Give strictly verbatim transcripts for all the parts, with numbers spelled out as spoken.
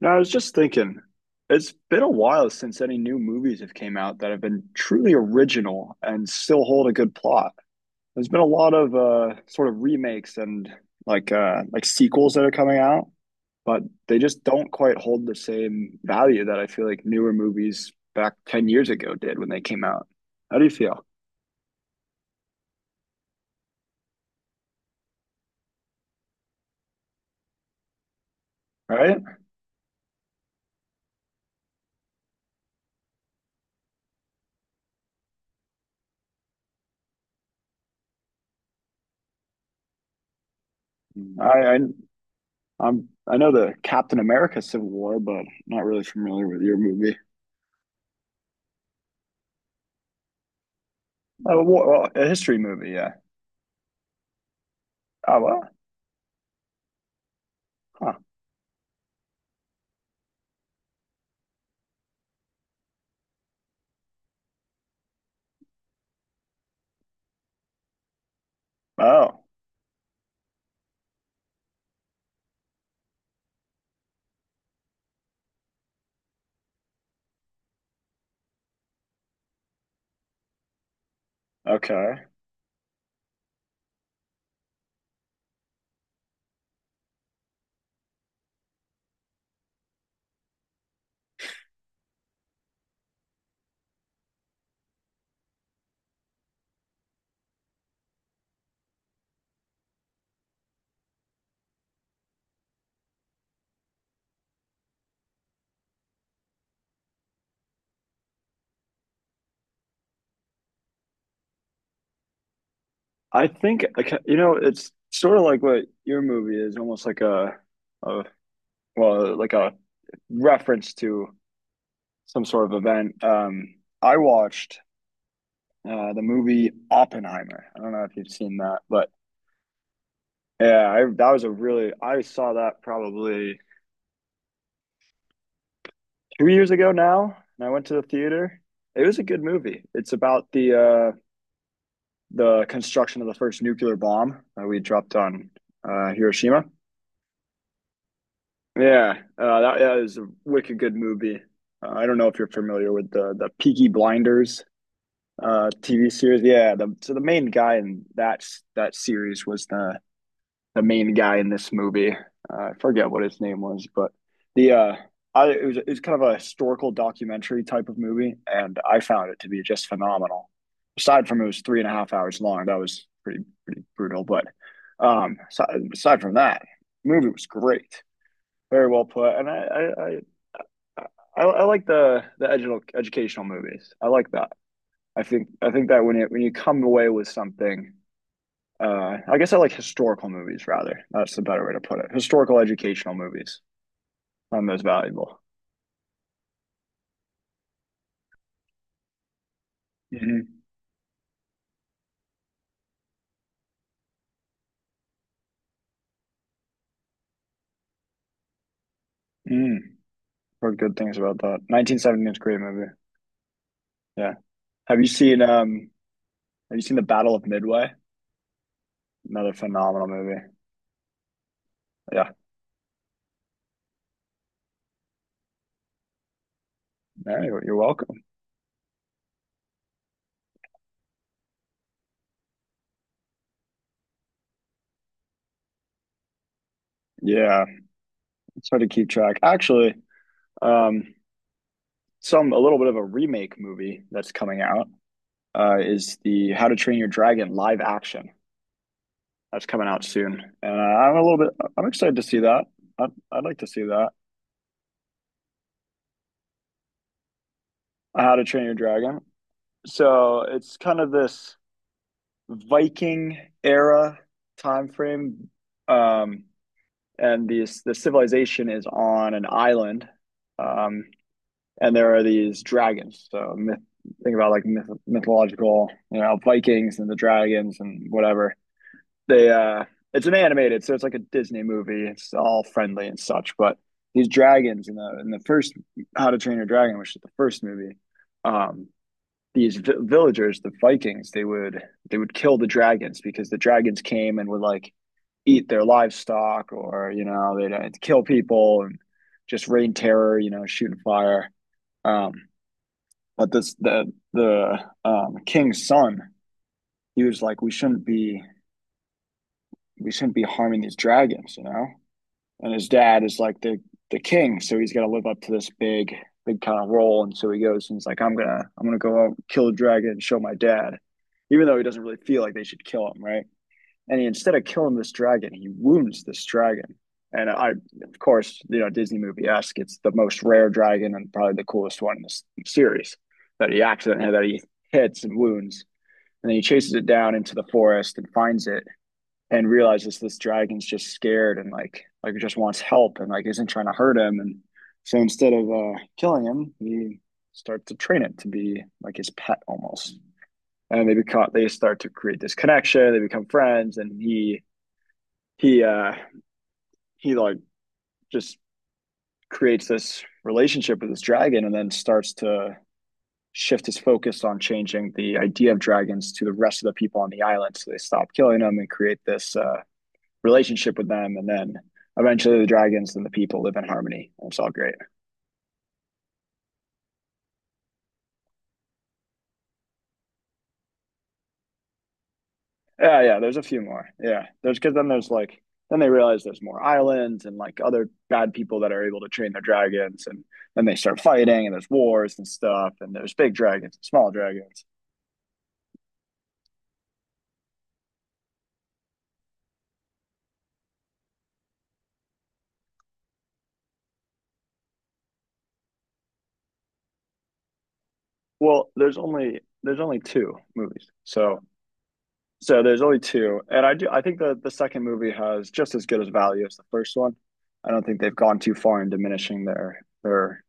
No, I was just thinking, it's been a while since any new movies have came out that have been truly original and still hold a good plot. There's been a lot of uh, sort of remakes and like uh, like sequels that are coming out, but they just don't quite hold the same value that I feel like newer movies back ten years ago did when they came out. How do you feel? All right? I. Mm. I I'm I know the Captain America Civil War, but not really familiar with your movie. Oh, well, a history movie, yeah. Oh, well. Huh. Oh, okay. I think okay, you know it's sort of like what your movie is, almost like a, a well, like a reference to some sort of event. Um, I watched uh, the movie Oppenheimer. I don't know if you've seen that, but yeah, I, that was a really I saw that probably two years ago now, and I went to the theater. It was a good movie. It's about the uh, the construction of the first nuclear bomb that we dropped on uh, Hiroshima. Yeah, uh, that, that is a wicked good movie. Uh, I don't know if you're familiar with the the Peaky Blinders uh, T V series. Yeah, the, so the main guy in that s- that series was the the main guy in this movie. Uh, I forget what his name was, but the uh, I, it was it was kind of a historical documentary type of movie, and I found it to be just phenomenal. Aside from it was three and a half hours long, that was pretty pretty brutal. But um, aside, aside from that, movie was great. Very well put. And I I I, I, I like the the educational educational movies. I like that. I think I think that when you when you come away with something, uh, I guess I like historical movies rather. That's the better way to put it. Historical educational movies. I'm most valuable. Hmm. Mm. Heard good things about that. Nineteen Seventy is a great movie. Yeah. Have you seen um Have you seen the Battle of Midway? Another phenomenal movie. Yeah. Yeah, you're, you're welcome. Yeah. It's hard to keep track. Actually, um, some a little bit of a remake movie that's coming out uh, is the How to Train Your Dragon live action that's coming out soon, and uh, I'm a little bit I'm excited to see that. I'd, I'd like to see that How to Train Your Dragon. So it's kind of this Viking era time frame, um, and these the civilization is on an island, um, and there are these dragons. So myth, think about like myth, mythological, you know, Vikings and the dragons and whatever they uh it's an animated, so it's like a Disney movie. It's all friendly and such, but these dragons in the in the first How to Train Your Dragon, which is the first movie, um, these vi- villagers, the Vikings, they would they would kill the dragons because the dragons came and would like eat their livestock or you know they'd uh, kill people and just rain terror, you know, shooting fire. Um, but this the the um, king's son, he was like, we shouldn't be we shouldn't be harming these dragons, you know. And his dad is like the the king, so he's got to live up to this big big kind of role. And so he goes and he's like, I'm gonna I'm gonna go out and kill a dragon and show my dad, even though he doesn't really feel like they should kill him, right? And he, instead of killing this dragon, he wounds this dragon. And I, of course, you know, Disney movie esque. It's the most rare dragon and probably the coolest one in this series that he accidentally that he hits and wounds, and then he chases it down into the forest and finds it and realizes this dragon's just scared and like like just wants help and like isn't trying to hurt him and so instead of uh, killing him he starts to train it to be like his pet almost and they become they start to create this connection they become friends and he he uh he like just creates this relationship with this dragon and then starts to shift his focus on changing the idea of dragons to the rest of the people on the island so they stop killing them and create this uh relationship with them, and then eventually the dragons and the people live in harmony. It's all great. Yeah, yeah. There's a few more. Yeah, there's because then there's like then they realize there's more islands and like other bad people that are able to train their dragons, and then they start fighting and there's wars and stuff, and there's big dragons, and small dragons. Well, there's only there's only two movies, so so there's only two, and I do I think that the second movie has just as good as value as the first one. I don't think they've gone too far in diminishing their their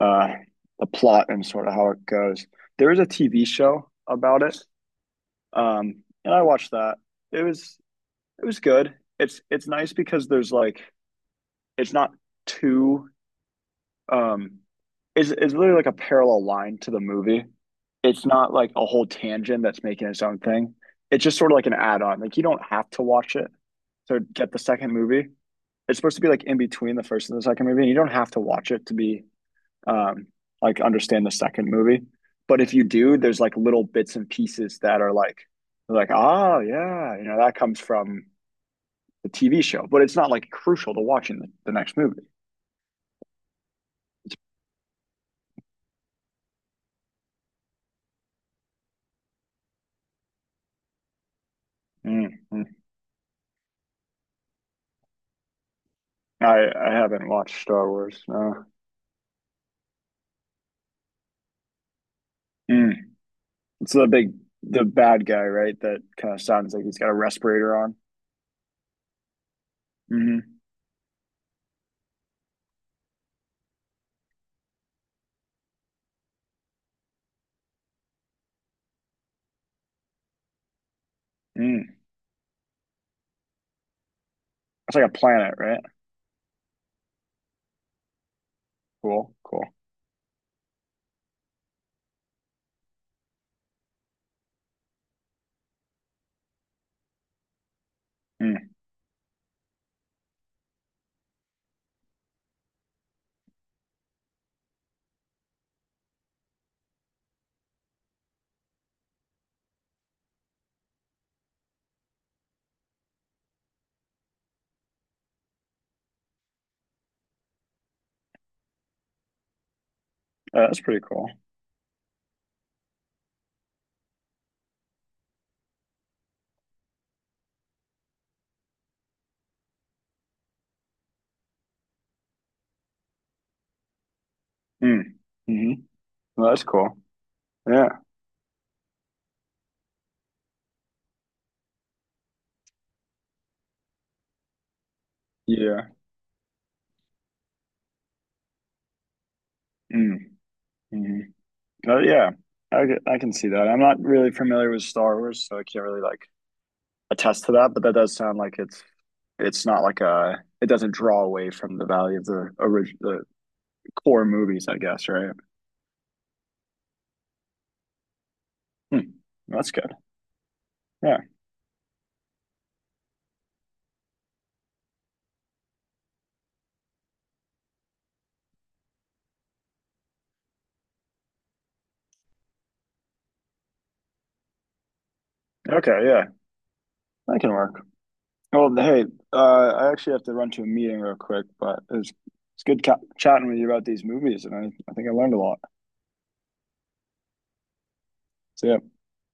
uh, the plot and sort of how it goes. There is a T V show about it, um, and I watched that. It was it was good. It's it's nice because there's like it's not too um, it's it's really like a parallel line to the movie. It's not like a whole tangent that's making its own thing. It's just sort of like an add-on. Like you don't have to watch it to get the second movie. It's supposed to be like in between the first and the second movie, and you don't have to watch it to be um, like understand the second movie. But if you do, there's like little bits and pieces that are like, like oh yeah, you know that comes from the T V show, but it's not like crucial to watching the, the next movie. Mm, mm. I I haven't watched Star Wars. No, mm. It's the big the bad guy, right? That kind of sounds like he's got a respirator on. Mm-hmm. Mm. It's like a planet, right? Cool, cool. Mm. Uh, that's pretty cool. Mm. Mm-hmm. Well, that's cool. Yeah, yeah. Mm. Mm-hmm. Oh yeah, I c- I can see that. I'm not really familiar with Star Wars, so I can't really like attest to that. But that does sound like it's it's not like a it doesn't draw away from the value of the original the core movies, I guess, right? Hmm. That's good. Yeah. Okay. Yeah, that can work. Well, hey, uh, I actually have to run to a meeting real quick, but it's it's good ca chatting with you about these movies, and I I think I learned a lot. So yeah.